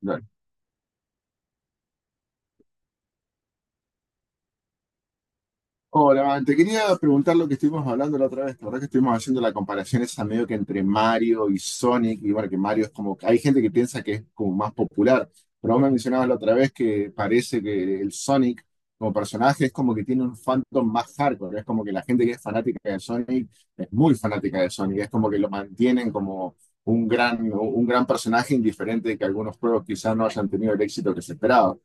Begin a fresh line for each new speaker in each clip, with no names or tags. Dale. Hola, man. Te quería preguntar lo que estuvimos hablando la otra vez. La verdad que estuvimos haciendo la comparación esa medio que entre Mario y Sonic. Y bueno, que Mario es como, hay gente que piensa que es como más popular, pero vos me mencionabas la otra vez que parece que el Sonic como personaje es como que tiene un fandom más hardcore. Es como que la gente que es fanática de Sonic es muy fanática de Sonic. Es como que lo mantienen como un gran personaje indiferente de que algunos juegos quizás no hayan tenido el éxito que se esperaba.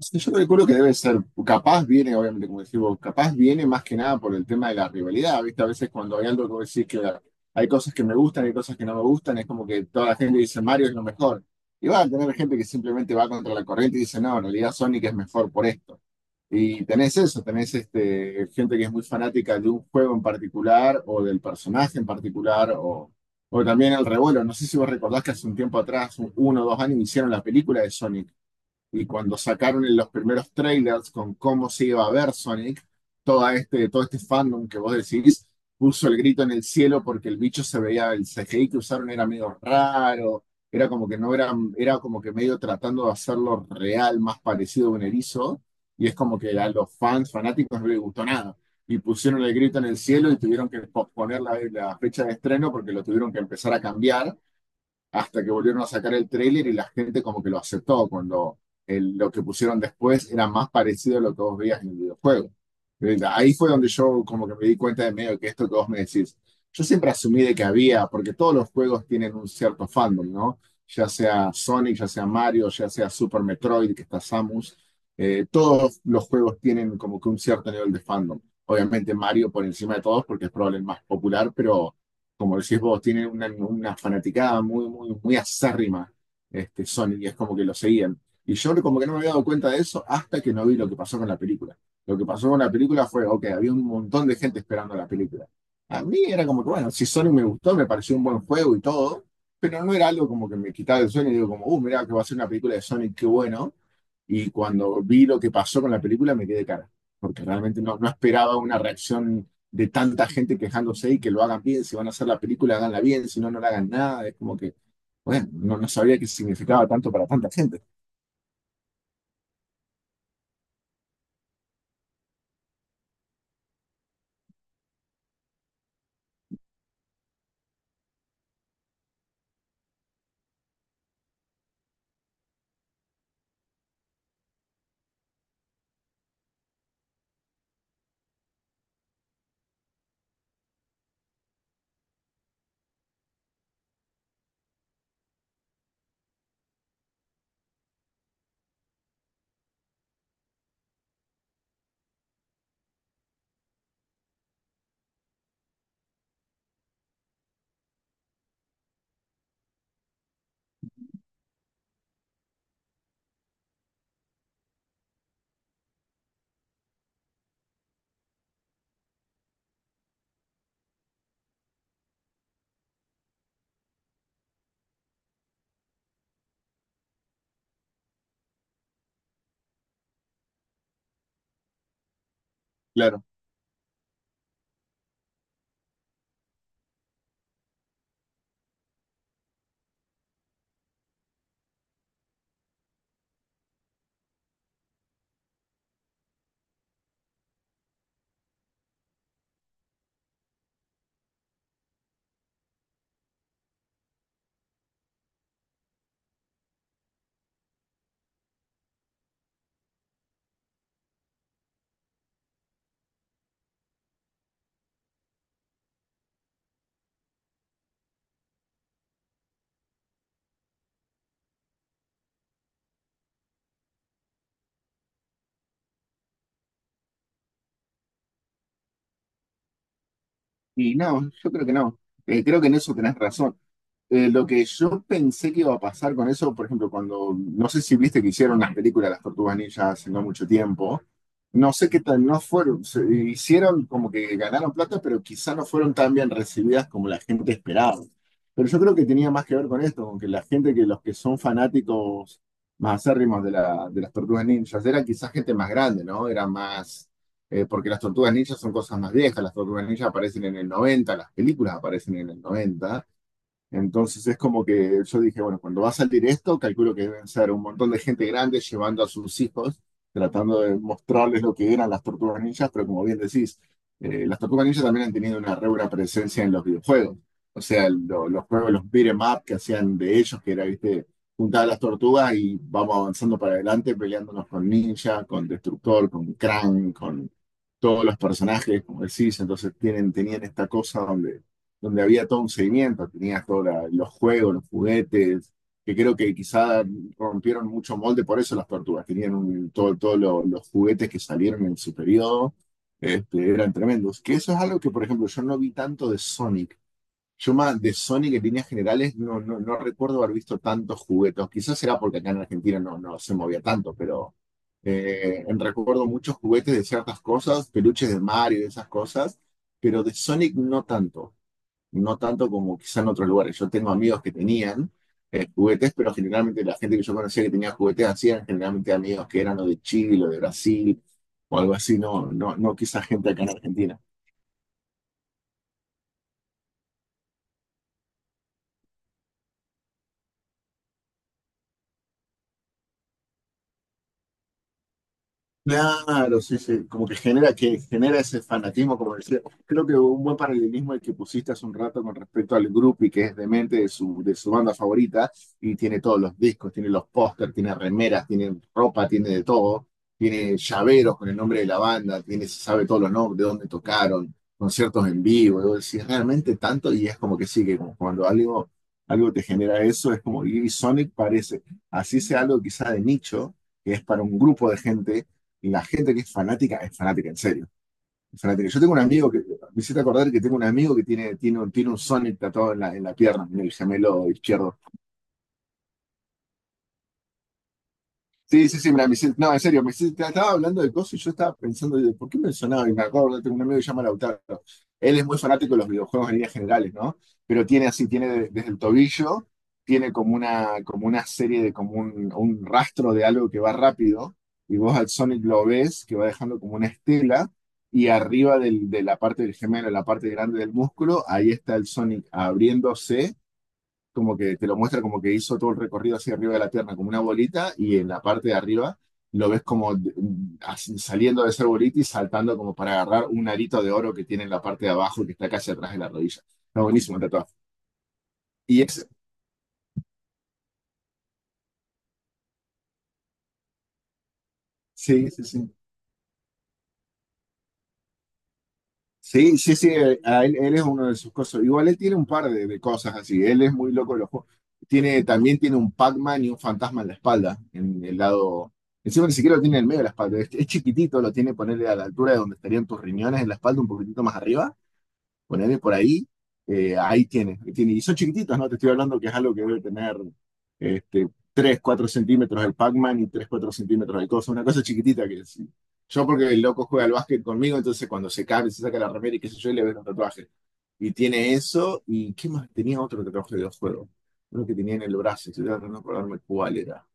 Sí, yo calculo que debe ser, capaz viene, obviamente, como decimos, capaz viene más que nada por el tema de la rivalidad, ¿viste? A veces cuando hay algo que vos decís que hay cosas que me gustan, hay cosas que no me gustan, es como que toda la gente dice Mario es lo mejor. Y va a tener gente que simplemente va contra la corriente y dice, no, en realidad Sonic es mejor por esto. Y tenés eso, tenés este, gente que es muy fanática de un juego en particular o del personaje en particular o también el revuelo. No sé si vos recordás que hace un tiempo atrás, 1 o 2 años, hicieron la película de Sonic y cuando sacaron en los primeros trailers con cómo se iba a ver Sonic, todo este fandom que vos decís puso el grito en el cielo porque el bicho se veía, el CGI que usaron era medio raro, era como que no era, era como que medio tratando de hacerlo real, más parecido a un erizo, y es como que a los fans fanáticos no les gustó nada. Y pusieron el grito en el cielo y tuvieron que posponer la fecha de estreno porque lo tuvieron que empezar a cambiar hasta que volvieron a sacar el tráiler y la gente como que lo aceptó cuando lo que pusieron después era más parecido a lo que vos veías en el videojuego. Ahí fue donde yo como que me di cuenta de medio que esto que vos me decís, yo siempre asumí de que había, porque todos los juegos tienen un cierto fandom, ¿no? Ya sea Sonic, ya sea Mario, ya sea Super Metroid, que está Samus, todos los juegos tienen como que un cierto nivel de fandom. Obviamente Mario por encima de todos porque es probablemente el más popular, pero como decís vos, tienen una, fanaticada muy, muy, muy acérrima, este, Sony, y es como que lo seguían. Y yo como que no me había dado cuenta de eso hasta que no vi lo que pasó con la película. Lo que pasó con la película fue, ok, había un montón de gente esperando la película. A mí era como que, bueno, si Sony me gustó, me pareció un buen juego y todo, pero no era algo como que me quitaba el sueño y digo como, mirá que va a ser una película de Sonic, qué bueno. Y cuando vi lo que pasó con la película me quedé de cara, porque realmente no esperaba una reacción de tanta gente quejándose y que lo hagan bien, si van a hacer la película, háganla bien, si no, no la hagan nada. Es como que, bueno, no sabía que significaba tanto para tanta gente, claro. Y no, yo creo que no. Creo que en eso tenés razón. Lo que yo pensé que iba a pasar con eso, por ejemplo, cuando, no sé si viste que hicieron las películas de Las Tortugas Ninja hace no mucho tiempo, no sé qué tal, no fueron, hicieron como que ganaron plata, pero quizá no fueron tan bien recibidas como la gente esperaba. Pero yo creo que tenía más que ver con esto, con que la gente, que los que son fanáticos más acérrimos de, la, de las Tortugas Ninjas, era quizás gente más grande, ¿no? Era más, porque las Tortugas Ninjas son cosas más viejas, las Tortugas Ninjas aparecen en el 90, las películas aparecen en el 90. Entonces es como que yo dije, bueno, cuando va a salir esto, calculo que deben ser un montón de gente grande llevando a sus hijos, tratando de mostrarles lo que eran las tortugas ninjas, pero como bien decís, las tortugas ninjas también han tenido una re buena presencia en los videojuegos. O sea, los juegos, los beat 'em up que hacían de ellos, que era, viste, juntar a las tortugas y vamos avanzando para adelante, peleándonos con Ninja, con Destructor, con Krang, con todos los personajes, como decís. Entonces tienen, tenían esta cosa donde donde había todo un seguimiento, tenías todos los juegos, los juguetes, que creo que quizá rompieron mucho molde, por eso las tortugas, tenían todo, todos los juguetes que salieron en su periodo, este, eran tremendos. Que eso es algo que, por ejemplo, yo no vi tanto de Sonic. Yo más de Sonic en líneas generales no recuerdo haber visto tantos juguetes. Quizás será porque acá en Argentina no se movía tanto, pero recuerdo muchos juguetes de ciertas cosas, peluches de Mario y esas cosas, pero de Sonic no tanto no tanto como quizá en otros lugares. Yo tengo amigos que tenían juguetes, pero generalmente la gente que yo conocía que tenía juguetes hacían generalmente amigos que eran o de Chile o de Brasil o algo así, no quizá gente acá en Argentina. Claro, sí, sí, como que genera ese fanatismo, como decía. Creo que un buen paralelismo el que pusiste hace un rato con respecto al Groupie, que es demente de su, banda favorita, y tiene todos los discos, tiene los pósters, tiene remeras, tiene ropa, tiene de todo, tiene llaveros con el nombre de la banda, tiene, se sabe todos los nombres, de dónde tocaron, conciertos en vivo, y vos decís, realmente tanto, y es como que sí, que como cuando algo, algo te genera eso, es como, y Sonic parece, así sea algo quizá de nicho, que es para un grupo de gente la gente que es fanática, en serio. Es fanática. Yo tengo un amigo que, me hiciste acordar que tengo un amigo que tiene un Sonic tatuado en la, pierna, en el gemelo izquierdo. Sí, sí, sí, mira, no, en serio, estaba hablando de cosas y yo estaba pensando, digo, ¿por qué me sonaba? Y me acuerdo, tengo un amigo que se llama Lautaro. Él es muy fanático de los videojuegos en líneas generales, ¿no? Pero tiene así, tiene desde el tobillo, tiene como una serie de, como un rastro de algo que va rápido, y vos al Sonic lo ves, que va dejando como una estela, y arriba de la parte del gemelo, la parte grande del músculo, ahí está el Sonic abriéndose como que te lo muestra como que hizo todo el recorrido hacia arriba de la Tierra, como una bolita, y en la parte de arriba lo ves como así, saliendo de esa bolita y saltando como para agarrar un arito de oro que tiene en la parte de abajo que está casi atrás de la rodilla. Está buenísimo el tatuaje. Y es, sí, sí, sí. Sí, sí, sí. Él es uno de sus cosas. Igual él tiene un par de cosas así. Él es muy loco de los juegos. También tiene un Pac-Man y un fantasma en la espalda, en el lado. Encima ni siquiera lo tiene en el medio de la espalda. Es chiquitito, lo tiene ponerle a la altura de donde estarían tus riñones en la espalda, un poquitito más arriba. Ponele por ahí, ahí tiene, ahí tiene. Y son chiquititos, ¿no? Te estoy hablando que es algo que debe tener este, 3 4 centímetros el Pac-Man y 3 4 centímetros el coso, una cosa chiquitita que es. Sí. Yo porque el loco juega al básquet conmigo, entonces cuando se cae, se saca la remera y qué sé yo, y le veo un tatuaje. Y tiene eso, y ¿qué más? Tenía otro tatuaje de juego, uno que tenía en el brazo, estoy tratando de acordarme cuál era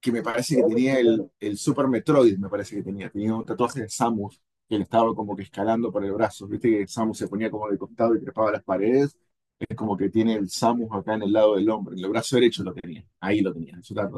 que me parece que tenía el, Super Metroid, me parece que tenía. Tenía un tatuaje de Samus, que él estaba como que escalando por el brazo. Viste que Samus se ponía como de costado y trepaba las paredes. Es como que tiene el Samus acá en el lado del hombro. En el brazo derecho lo tenía. Ahí lo tenía. Eso estaba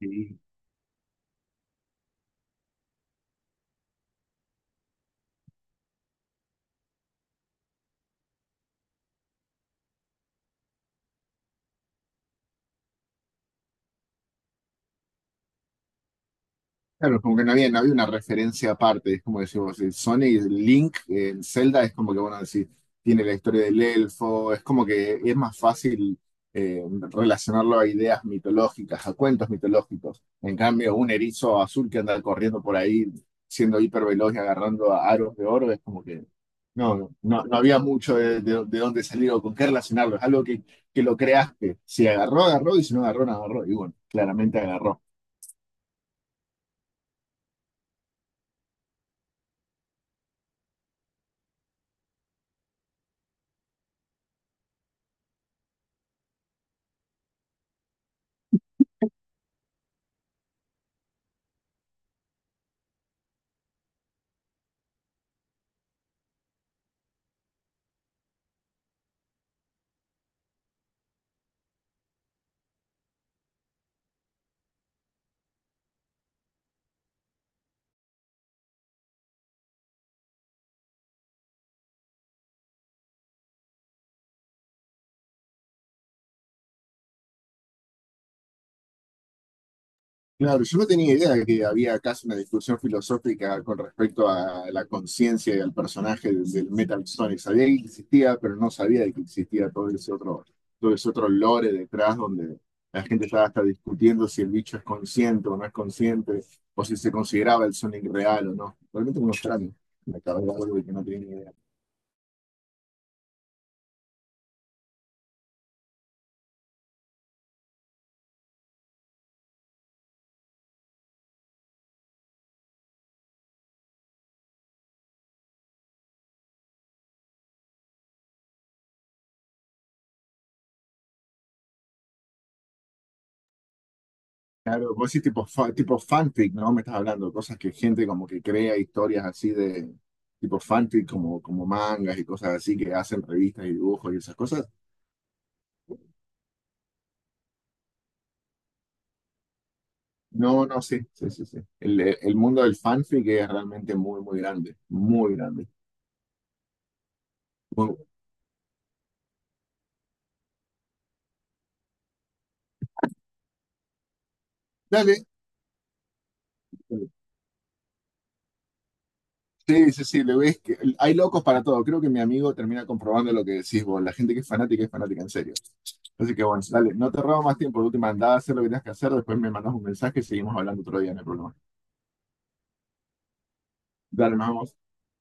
todo. Claro, como que no había una referencia aparte, es como decir, vos, el Sonic, el Link, el Zelda es como que, bueno, decir, tiene la historia del elfo, es como que es más fácil eh, relacionarlo a ideas mitológicas, a cuentos mitológicos. En cambio, un erizo azul que anda corriendo por ahí, siendo hiperveloz y agarrando a aros de oro, es como que no había mucho de dónde salir o con qué relacionarlo, es algo que lo creaste. Si agarró, agarró, y si no agarró, no agarró. Y bueno, claramente agarró. Claro, yo no tenía idea de que había casi una discusión filosófica con respecto a la conciencia y al personaje del Metal Sonic. Sabía que existía, pero no sabía de que existía todo ese otro lore detrás donde la gente estaba hasta discutiendo si el bicho es consciente o no es consciente, o si se consideraba el Sonic real o no. Realmente un extraño. Me acabé de dar algo de que no tenía ni idea. Claro, vos sí, tipo, tipo fanfic, ¿no? Me estás hablando, cosas que gente como que crea historias así de tipo fanfic, como, como mangas y cosas así, que hacen revistas y dibujos y esas cosas. No, no, sí, sí, sí, sí. el, mundo del fanfic es realmente muy, muy grande, muy grande. Muy- Dale. Sí, sí, sí, le ves que hay locos para todo. Creo que mi amigo termina comprobando lo que decís vos. La gente que es fanática en serio. Así que bueno, dale, no te robo más tiempo. De última, andá a hacer lo que tengas que hacer. Después me mandas un mensaje y seguimos hablando otro día, no hay problema. Dale, nos vemos.